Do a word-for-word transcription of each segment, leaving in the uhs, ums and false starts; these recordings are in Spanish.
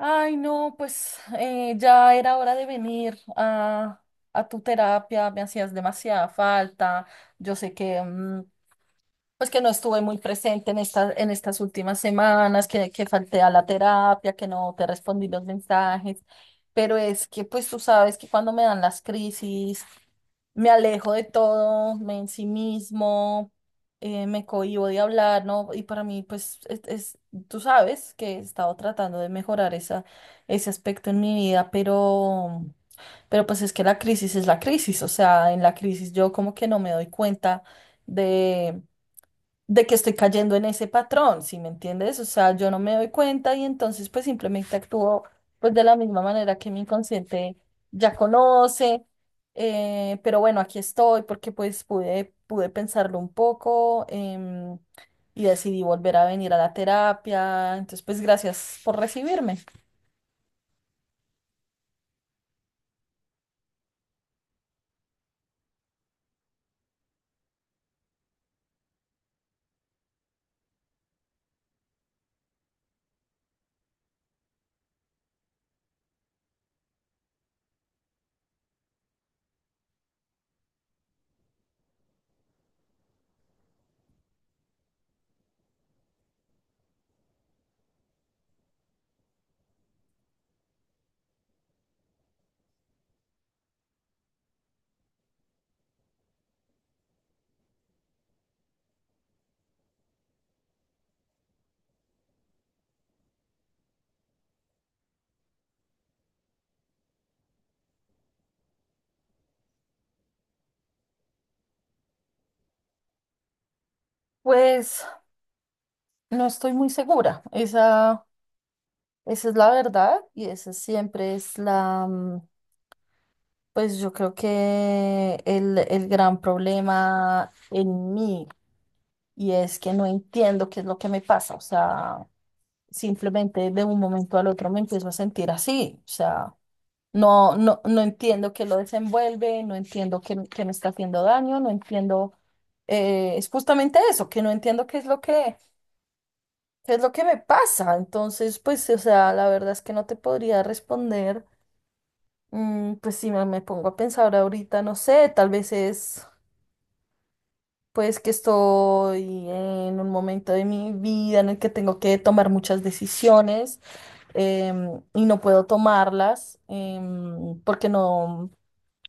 Ay, no, pues eh, ya era hora de venir a, a tu terapia, me hacías demasiada falta. Yo sé que mm, pues que no estuve muy presente en estas en estas últimas semanas, que, que falté a la terapia, que no te respondí los mensajes, pero es que pues tú sabes que cuando me dan las crisis, me alejo de todo, me ensimismo, eh, me cohíbo de hablar, ¿no? Y para mí pues es, es- tú sabes que he estado tratando de mejorar esa, ese aspecto en mi vida, pero, pero pues es que la crisis es la crisis, o sea, en la crisis yo como que no me doy cuenta de que estoy cayendo en ese patrón, ¿sí me entiendes? O sea, yo no me doy cuenta y entonces pues simplemente actúo pues de la misma manera que mi inconsciente ya conoce, eh, pero bueno, aquí estoy porque pues pude, pude pensarlo un poco em, y decidí volver a venir a la terapia, entonces pues gracias por recibirme. Pues no estoy muy segura, esa, esa es la verdad y esa siempre es la... mm, Pues yo creo que el, el gran problema en mí y es que no entiendo qué es lo que me pasa. O sea, simplemente de un momento al otro me empiezo a sentir así. O sea, no, no, no entiendo qué lo desenvuelve, no entiendo qué, qué me está haciendo daño, no entiendo. eh, es justamente eso, que no entiendo qué es lo que, qué es lo que me pasa. Entonces, pues, o sea, la verdad es que no te podría responder. Mm, pues si me, me pongo a pensar ahorita, no sé, tal vez es. Pues que estoy en un momento de mi vida en el que tengo que tomar muchas decisiones em, y no puedo tomarlas em, porque no,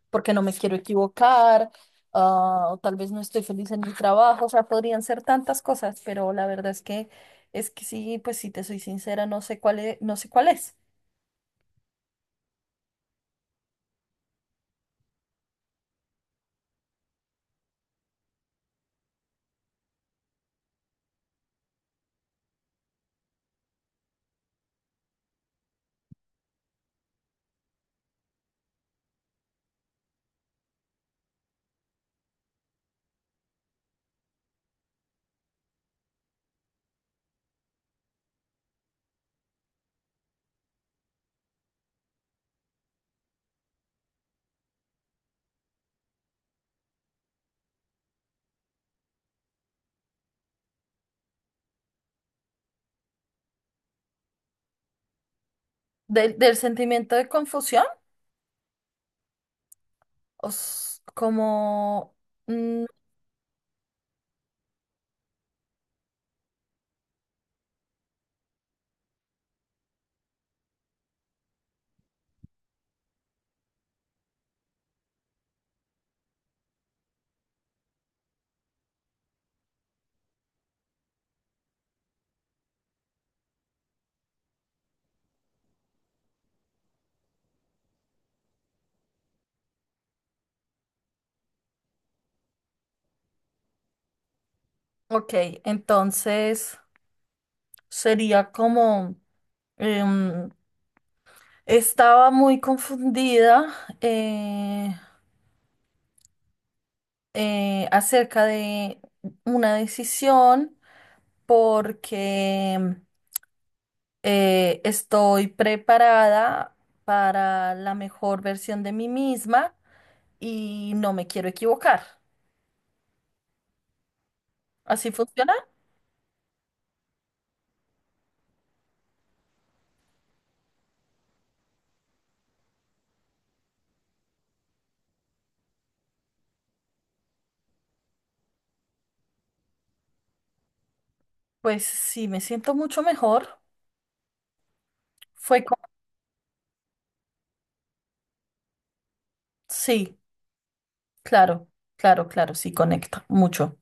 porque no me quiero equivocar, ah, o tal vez no estoy feliz en mi trabajo, o sea, podrían ser tantas cosas, pero la verdad es que es que sí, pues si te soy sincera, no sé cuál es, no sé cuál es. Del, del sentimiento de confusión. os- como, mm, ok, entonces sería como... Em, estaba muy confundida, eh, eh, acerca de una decisión porque eh, estoy preparada para la mejor versión de mí misma y no me quiero equivocar. ¿Así funciona? Pues sí, me siento mucho mejor. Fue como... Sí, claro, claro, claro, sí, conecta mucho.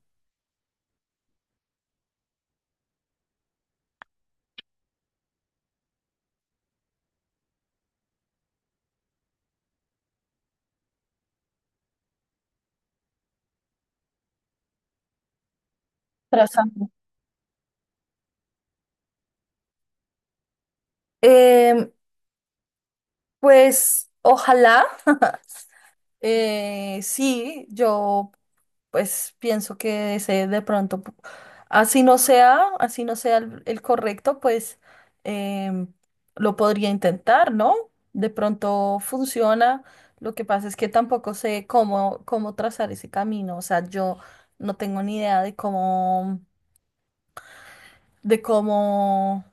Trazando. Em, pues ojalá. Eh, sí, yo pues pienso que ese de pronto, pu- así no sea, así no sea el, el correcto, pues em, lo podría intentar, ¿no? De pronto funciona. Lo que pasa es que tampoco sé cómo, cómo trazar ese camino. O sea, yo no tengo ni idea de cómo, de cómo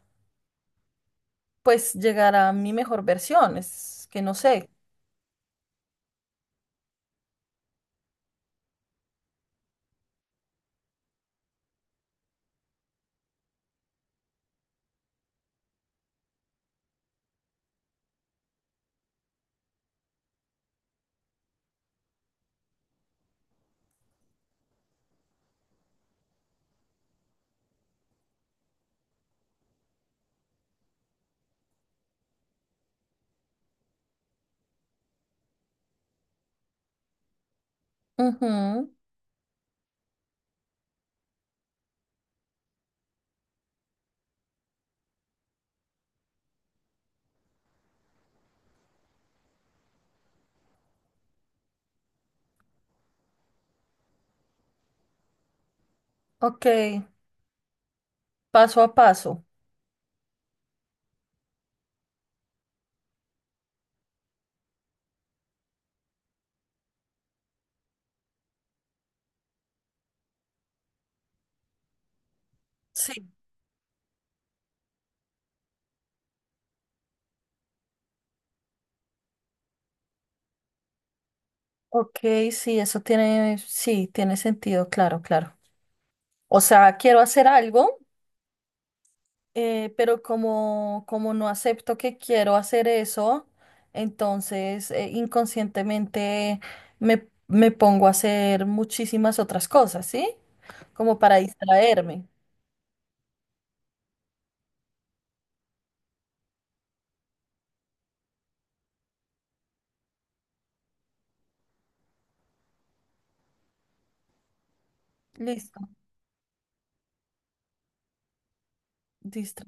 pues llegar a mi mejor versión. Es que no sé. Ujú. Ok, paso a paso. Sí. Ok, sí, eso tiene, sí, tiene sentido, claro, claro. O sea, quiero hacer algo, eh, pero como, como no acepto que quiero hacer eso, entonces eh, inconscientemente me, me pongo a hacer muchísimas otras cosas, ¿sí? Como para distraerme. Listo, listo.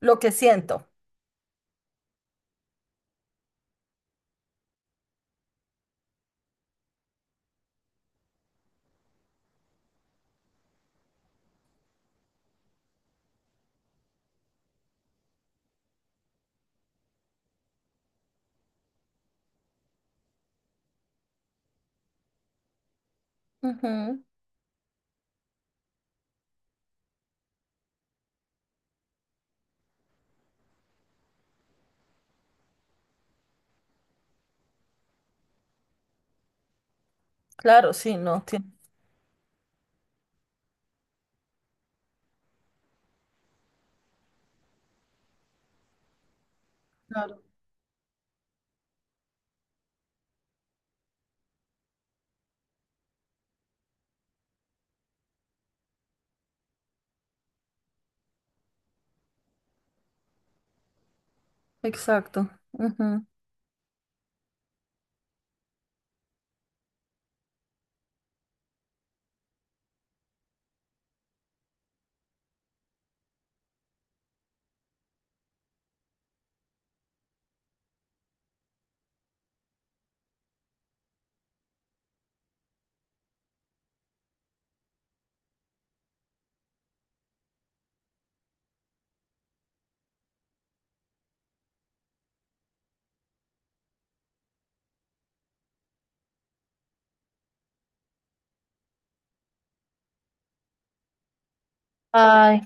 Lo que siento. Ujú. Claro, sí, no, tiene. Claro, exacto. Ujú. Ay.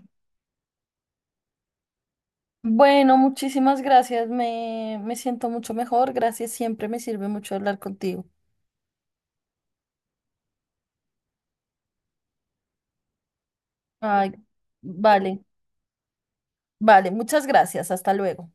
Bueno, muchísimas gracias. Me, me siento mucho mejor. Gracias, siempre me sirve mucho hablar contigo. Ay, vale, vale, muchas gracias. Hasta luego.